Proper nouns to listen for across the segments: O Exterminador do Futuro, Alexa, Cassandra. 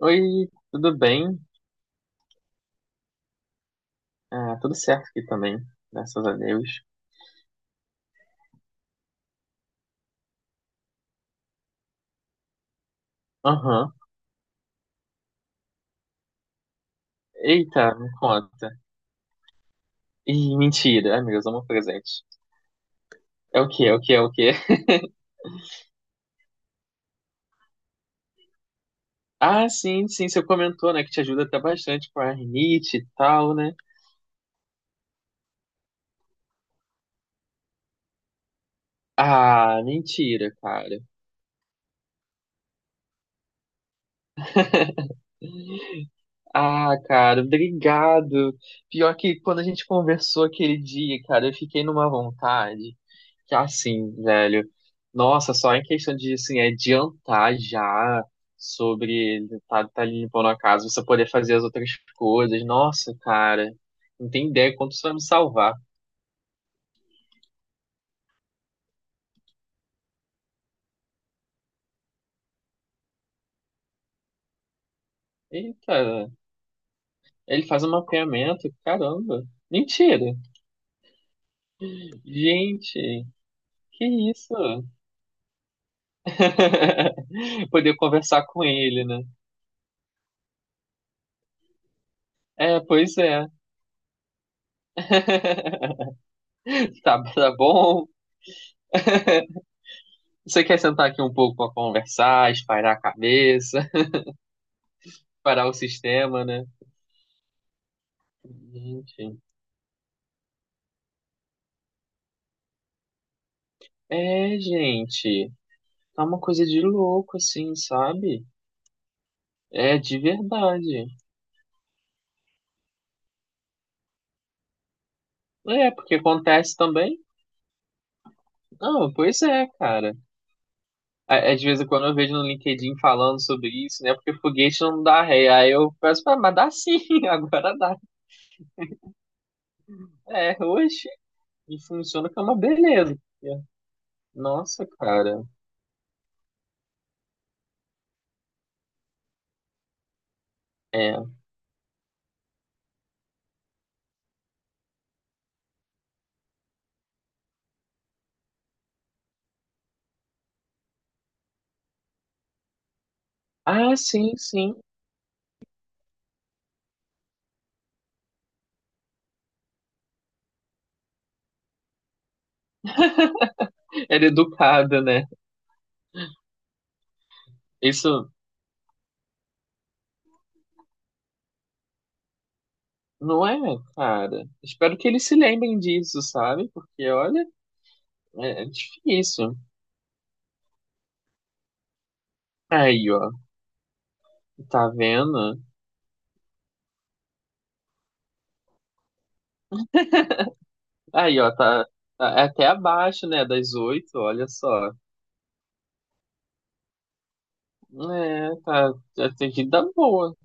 Oi, tudo bem? Ah, tudo certo aqui também, graças a Deus. Aham. Eita, me conta. Ih, mentira. Ai, meu Deus, amo presente. É o quê? É o quê? É o quê? Ah, sim, sim, você comentou, né, que te ajuda até bastante com a rinite e tal, né? Ah, mentira, cara. Ah, cara, obrigado. Pior que quando a gente conversou aquele dia, cara, eu fiquei numa vontade. Que assim, velho. Nossa, só em questão de, assim, adiantar já sobre ele tá limpando a casa, você poder fazer as outras coisas. Nossa, cara, não tem ideia quanto isso vai me salvar. Eita, ele faz um mapeamento, caramba. Mentira. Gente, que isso? Poder conversar com ele, né? É, pois é. Tá, tá bom. Você quer sentar aqui um pouco pra conversar, espairar a cabeça? Parar o sistema, né? Gente. É, gente. Tá uma coisa de louco, assim, sabe? É, de verdade. É, porque acontece também. Não, pois é, cara. Às vezes quando eu vejo no LinkedIn falando sobre isso, né? Porque foguete não dá ré. Aí eu peço, "Ah, mas dá sim, agora dá. É, hoje. E funciona que é uma beleza. Nossa, cara. Ah, sim, sim. Era educada, né? Isso. Não é, cara? Espero que eles se lembrem disso, sabe? Porque, olha, é difícil. Aí, ó, tá vendo? Aí, ó, é até abaixo, né, das oito, olha só. É, tá, já tem que dar boa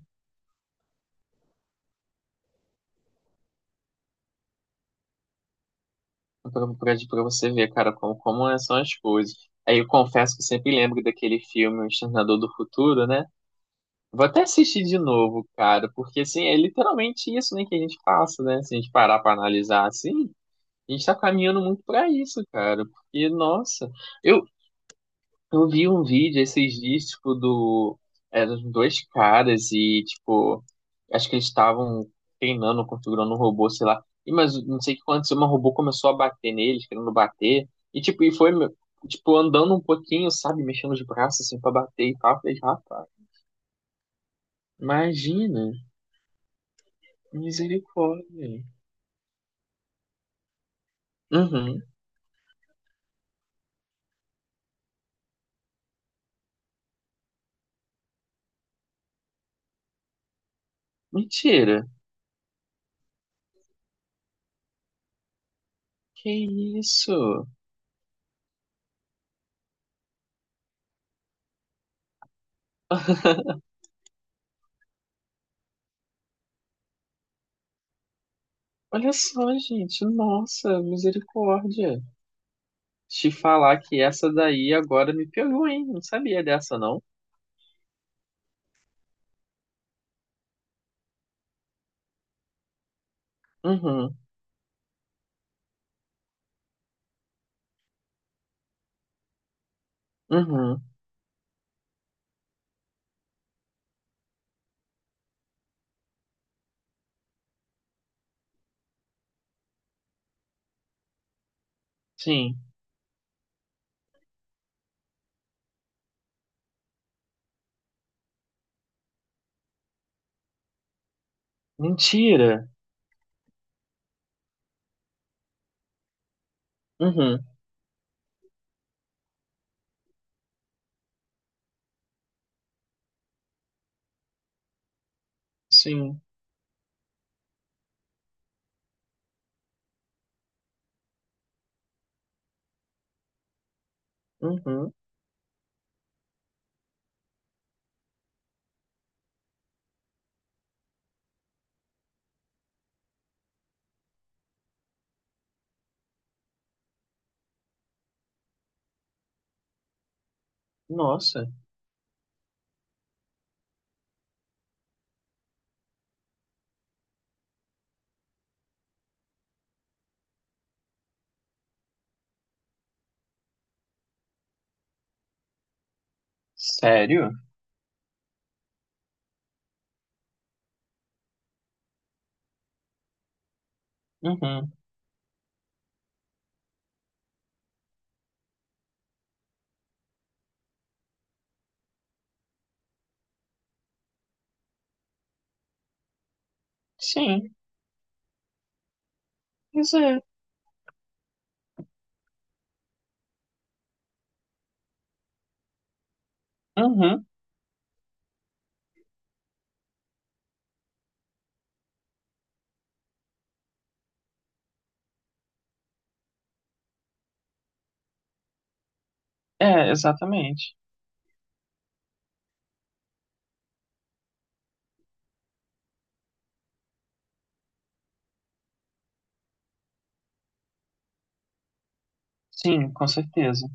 pra você ver, cara, são as coisas. Aí eu confesso que eu sempre lembro daquele filme, O Exterminador do Futuro, né? Vou até assistir de novo, cara, porque, assim, é literalmente isso, né, que a gente passa, né? Se a gente parar pra analisar, assim. A gente tá caminhando muito pra isso, cara. Porque, nossa, eu, eu vi um vídeo esses dias, tipo, do. Eram dois caras e, tipo, acho que eles estavam treinando, configurando um robô, sei lá. E, mas não sei o que aconteceu, mas o robô começou a bater neles, querendo bater. E, tipo, e foi, tipo, andando um pouquinho, sabe? Mexendo os braços, assim, pra bater e tal. Eu falei, rapaz, imagina. Misericórdia. Uhum. Mentira. Que isso? Olha só, gente. Nossa, misericórdia. Te falar que essa daí agora me pegou, hein? Não sabia dessa, não. Uhum, uhum, sim. Mentira. Uhum, sim. Uhum, nossa. Sério? Uhum, sim. Pois é. Uhum, é, exatamente. Sim, com certeza.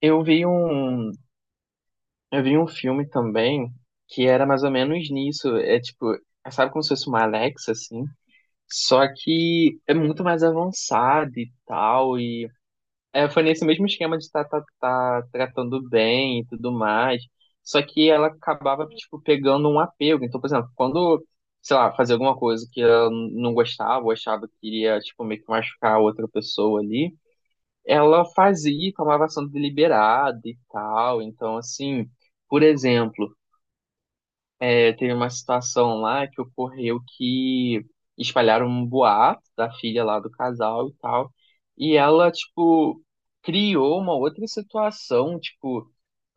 Eu vi um, eu vi um filme também que era mais ou menos nisso. É tipo, sabe como se fosse uma Alexa, assim? Só que é muito mais avançado e tal, e é, foi nesse mesmo esquema de tá tratando bem e tudo mais. Só que ela acabava, tipo, pegando um apego. Então, por exemplo, quando, sei lá, fazia alguma coisa que ela não gostava, ou achava que iria, tipo, meio que machucar a outra pessoa ali, ela fazia, e tomava ação deliberada e tal. Então, assim, por exemplo. Aí teve uma situação lá que ocorreu que espalharam um boato da filha lá do casal e tal. E ela, tipo, criou uma outra situação, tipo,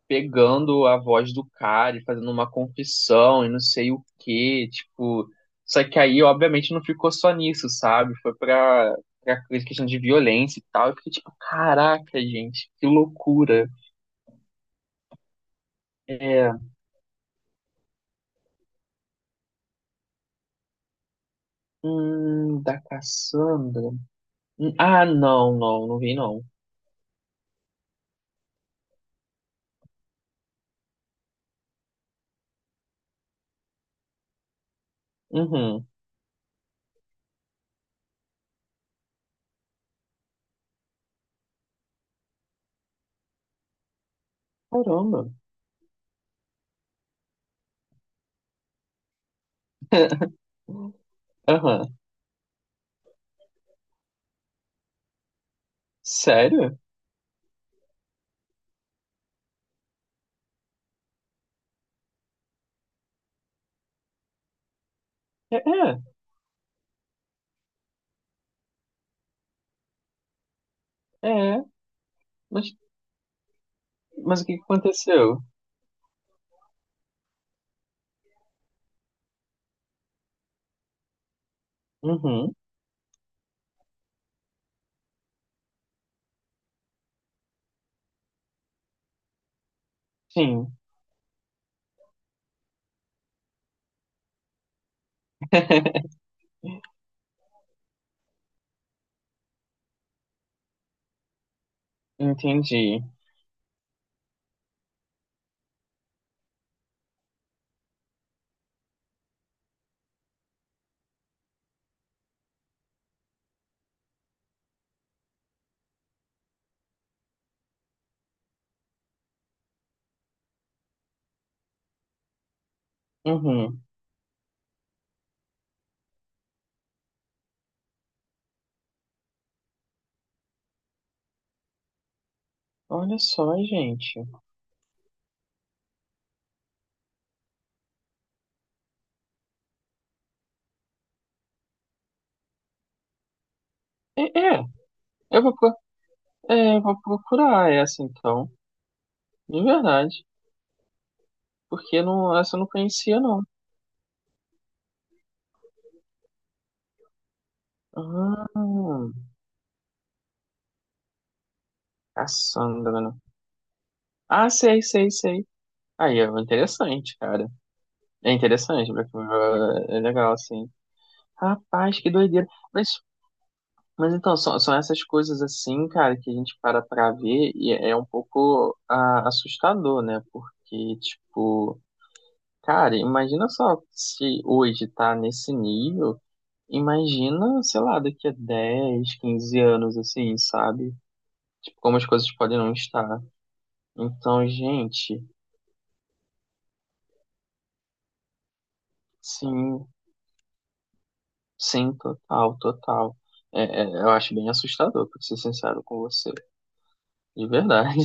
pegando a voz do cara e fazendo uma confissão e não sei o quê, tipo. Só que aí, obviamente, não ficou só nisso, sabe? Foi pra, questão de violência e tal. Eu fiquei tipo, caraca, gente, que loucura. É. Da Cassandra. Ah, não, não, não vi, não. Uhum. Caramba. Aham. Sério? É, é, é. Mas, mas o que que aconteceu? Uhum. Sim. Entendi. Uhum. Olha só, gente. É, é, eu vou, pro- é, eu vou procurar essa então, de verdade, porque não, essa eu não conhecia não. Ah, Cassandra, né? Ah, sei, sei, sei. Aí é interessante, cara. É interessante, porque, ah, é legal assim. Rapaz, que doideira. mas Mas então, são essas coisas assim, cara, que a gente para pra ver e é um pouco ah, assustador, né? Porque, tipo, cara, imagina só se hoje tá nesse nível, imagina, sei lá, daqui a 10, 15 anos, assim, sabe? Tipo, como as coisas podem não estar. Então, gente, sim, sim, total, total. É, eu acho bem assustador, pra ser sincero com você, de verdade,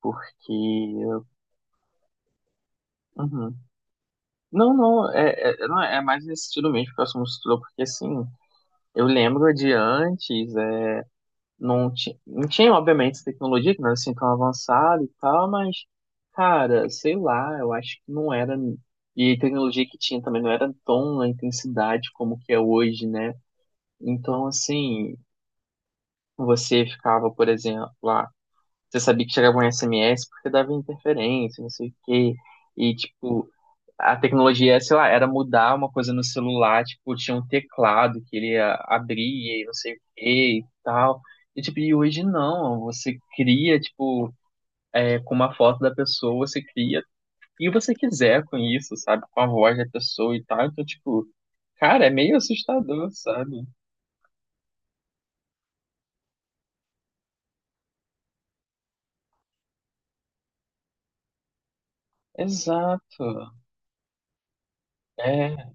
porque. Uhum. Não, não, é, não, é mais nesse estilo mesmo que o assunto estudou, porque assim, eu lembro de antes, não, não tinha, obviamente, essa tecnologia que não era assim tão avançada e tal, mas, cara, sei lá, eu acho que não era. E a tecnologia que tinha também não era tão na intensidade como que é hoje, né? Então, assim, você ficava, por exemplo, lá, você sabia que chegava um SMS porque dava interferência, não sei o quê. E, tipo, a tecnologia, sei lá, era mudar uma coisa no celular, tipo, tinha um teclado que ele abria e não sei o que e tal. E, tipo, e hoje não, você cria, tipo, é, com uma foto da pessoa, você cria o que você quiser com isso, sabe? Com a voz da pessoa e tal. Então, tipo, cara, é meio assustador, sabe? Exato. É,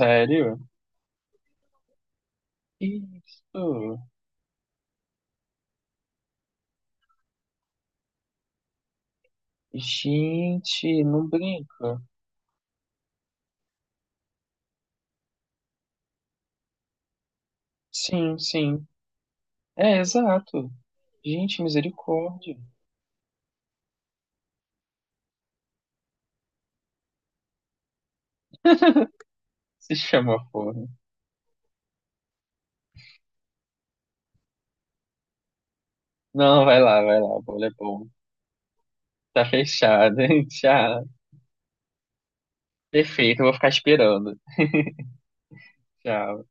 sério? Isso. Gente, não brinca. Sim, sim. É, exato. Gente, misericórdia. Se chama forno. Não, vai lá, vai lá. O bolo é bom. Tá fechado, hein? Tchau. Perfeito, eu vou ficar esperando. Tchau.